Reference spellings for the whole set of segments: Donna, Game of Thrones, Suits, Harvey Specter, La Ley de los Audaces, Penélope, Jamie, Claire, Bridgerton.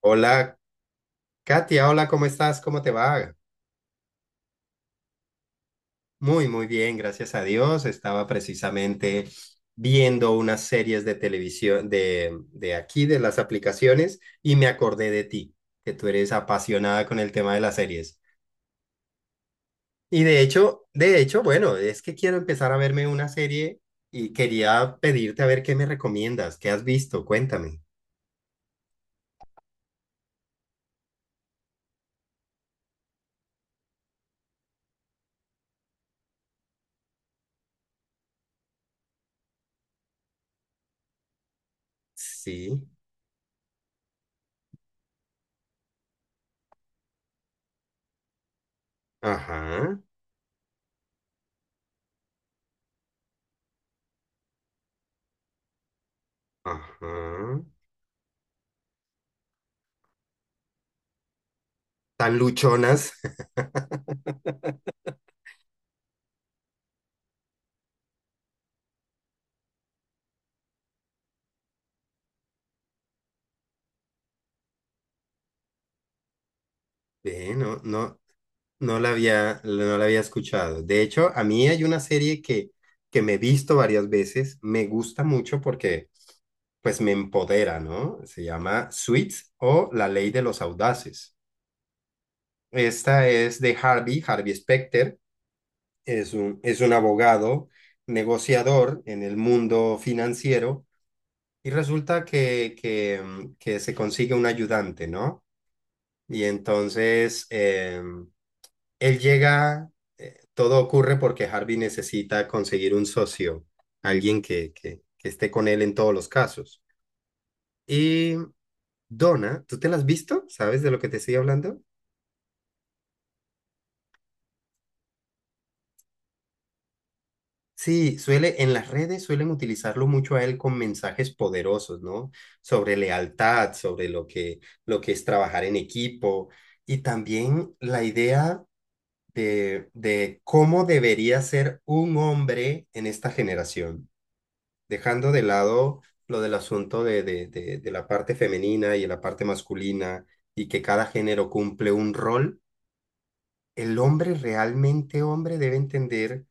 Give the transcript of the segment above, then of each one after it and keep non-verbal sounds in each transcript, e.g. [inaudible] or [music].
Hola, Katia, hola, ¿cómo estás? ¿Cómo te va? Muy bien, gracias a Dios. Estaba precisamente viendo unas series de televisión de aquí, de las aplicaciones, y me acordé de ti, que tú eres apasionada con el tema de las series. Y de hecho, bueno, es que quiero empezar a verme una serie y quería pedirte a ver qué me recomiendas, qué has visto, cuéntame. Sí, ajá, ajá. Tan luchonas. [laughs] Bien, no, no. No la había, no la había escuchado. De hecho, a mí hay una serie que me he visto varias veces, me gusta mucho porque pues me empodera, ¿no? Se llama Suits o La Ley de los Audaces. Esta es de Harvey, Harvey Specter, es un abogado, negociador en el mundo financiero y resulta que se consigue un ayudante, ¿no? Y entonces... Él llega, todo ocurre porque Harvey necesita conseguir un socio, alguien que esté con él en todos los casos. Y Donna, ¿tú te la has visto? ¿Sabes de lo que te estoy hablando? Sí, suele, en las redes suelen utilizarlo mucho a él con mensajes poderosos, ¿no? Sobre lealtad, sobre lo que es trabajar en equipo y también la idea de cómo debería ser un hombre en esta generación, dejando de lado lo del asunto de la parte femenina y de la parte masculina, y que cada género cumple un rol, el hombre realmente hombre debe entender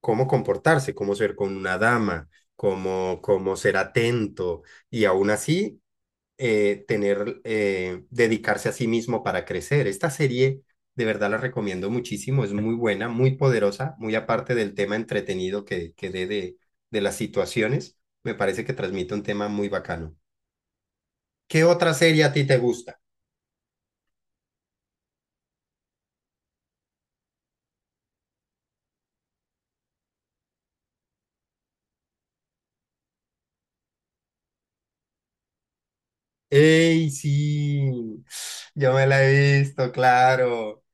cómo comportarse, cómo ser con una dama, cómo, cómo ser atento y aún así tener, dedicarse a sí mismo para crecer. Esta serie, de verdad, la recomiendo muchísimo, es muy buena, muy poderosa, muy aparte del tema entretenido de las situaciones, me parece que transmite un tema muy bacano. ¿Qué otra serie a ti te gusta? ¡Ey, sí! Yo me la he visto, claro.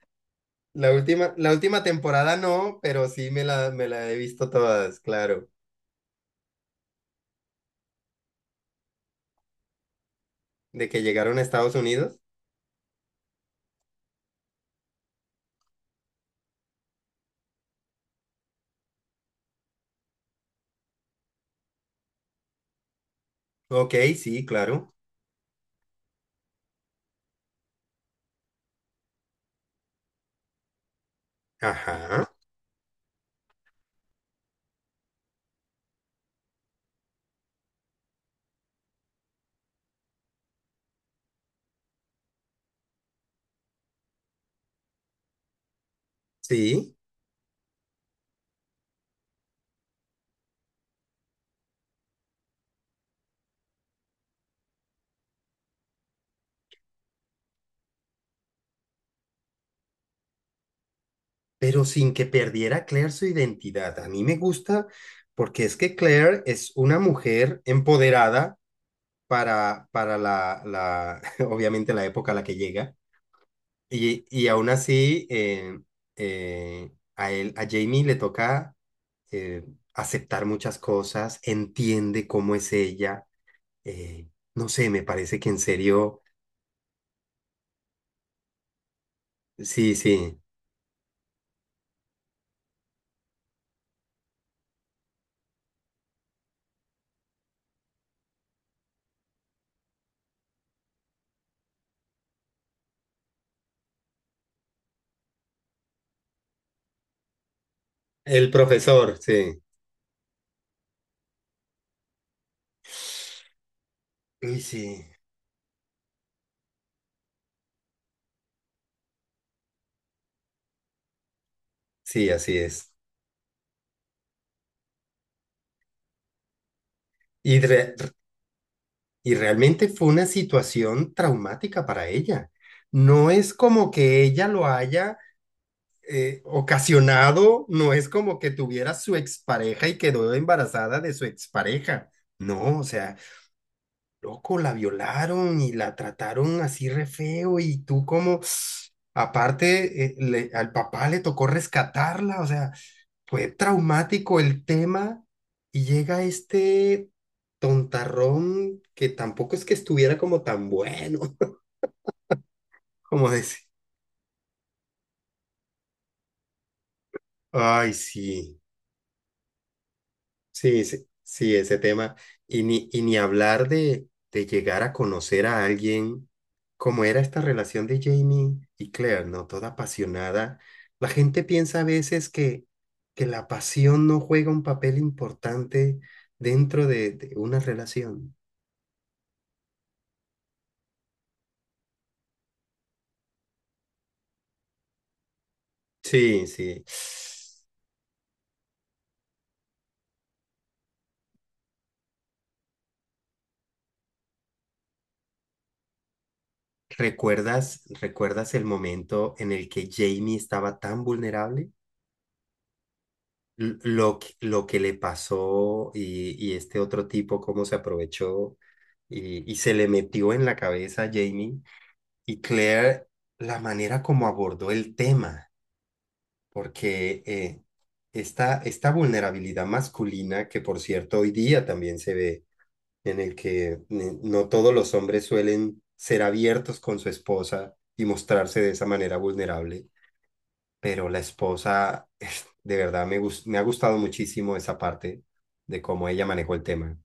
La última temporada no, pero sí me la he visto todas, claro. De que llegaron a Estados Unidos. Ok, sí, claro. Ajá, sí. Pero sin que perdiera Claire su identidad. A mí me gusta porque es que Claire es una mujer empoderada para [laughs] obviamente la época a la que llega, y aún así a él, a Jamie le toca eh, aceptar muchas cosas, entiende cómo es ella, eh, no sé, me parece que en serio, sí, sí, el profesor, sí. Uy, sí, sí, así es. Y re- Y realmente fue una situación traumática para ella. No es como que ella lo haya ocasionado, no es como que tuviera su expareja y quedó embarazada de su expareja. No, o sea, loco, la violaron y la trataron así re feo y tú como, aparte, al papá le tocó rescatarla, o sea, fue traumático el tema y llega este tontarrón que tampoco es que estuviera como tan bueno, [laughs] como decir, ay, sí, sí, sí, sí, ese tema. Y ni hablar de llegar a conocer a alguien, como era esta relación de Jamie y Claire, ¿no? Toda apasionada. La gente piensa a veces que la pasión no juega un papel importante dentro de una relación. Sí, sí. ¿Recuerdas, recuerdas el momento en el que Jamie estaba tan vulnerable? Lo que le pasó y este otro tipo, cómo se aprovechó y se le metió en la cabeza a Jamie. Y Claire, la manera como abordó el tema, porque esta, esta vulnerabilidad masculina, que por cierto hoy día también se ve en el que no todos los hombres suelen ser abiertos con su esposa y mostrarse de esa manera vulnerable, pero la esposa, [laughs] de verdad, me ha gustado muchísimo esa parte de cómo ella manejó el tema.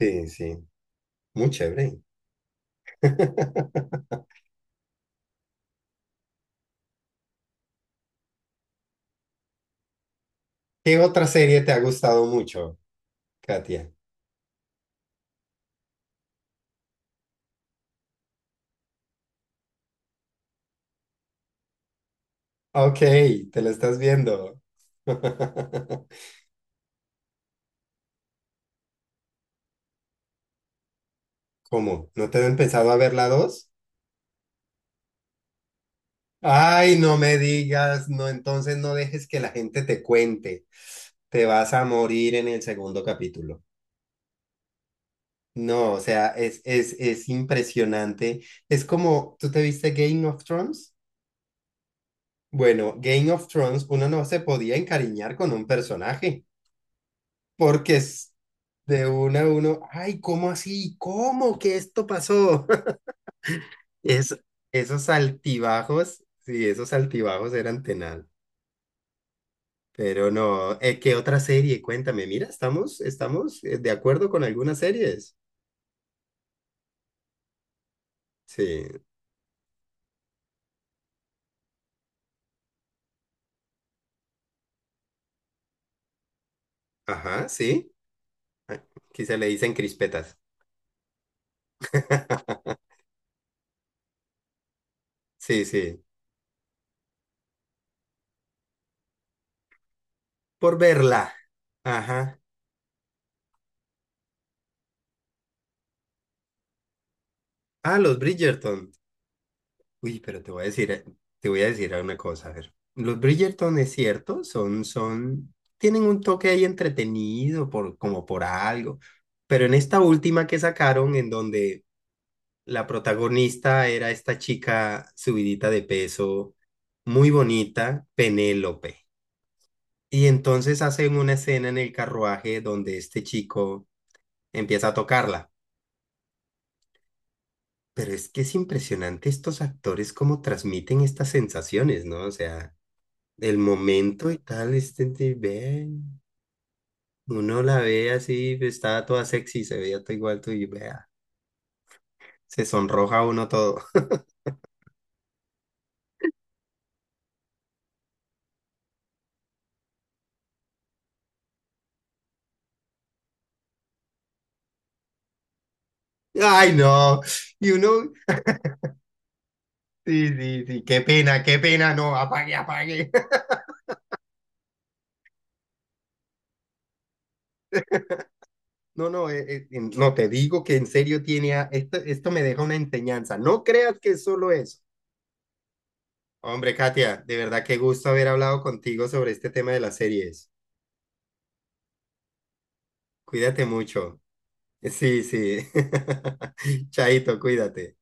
Sí, sí, muy chévere. [laughs] ¿Qué otra serie te ha gustado mucho, Katia? Ok, te la estás viendo. [laughs] ¿Cómo? ¿No te han pensado a ver la dos? Ay, no me digas, no, entonces no dejes que la gente te cuente. Te vas a morir en el segundo capítulo. No, o sea, es impresionante. Es como, ¿tú te viste Game of Thrones? Bueno, Game of Thrones, uno no se podía encariñar con un personaje, porque es de uno a uno, ay, ¿cómo así? ¿Cómo que esto pasó? [laughs] Es, esos altibajos, sí, esos altibajos eran tenaz. Pero no, ¿qué otra serie? Cuéntame, mira, estamos, estamos de acuerdo con algunas series. Sí, ajá, sí. Ah, quizá le dicen crispetas. [laughs] Sí, sí. Por verla. Ajá. Ah, los Bridgerton. Uy, pero te voy a decir, te voy a decir una cosa. A ver. Los Bridgerton es cierto, son, son, tienen un toque ahí entretenido por, como por algo. Pero en esta última que sacaron, en donde la protagonista era esta chica subidita de peso, muy bonita, Penélope. Y entonces hacen una escena en el carruaje donde este chico empieza a tocarla. Pero es que es impresionante estos actores cómo transmiten estas sensaciones, ¿no? O sea, el momento y tal, ve, uno la ve así, está toda sexy, se veía todo igual, tú y vea, se sonroja uno todo. [laughs] ¡Ay, no! Y uno, sí, sí, sí, qué pena, no, apague, apague. [laughs] No, no, no, te digo que en serio tiene, esto, esto me deja una enseñanza. No creas que es solo eso. Hombre, Katia, de verdad qué gusto haber hablado contigo sobre este tema de las series. Cuídate mucho. Sí, sí. [laughs] Chaito, cuídate.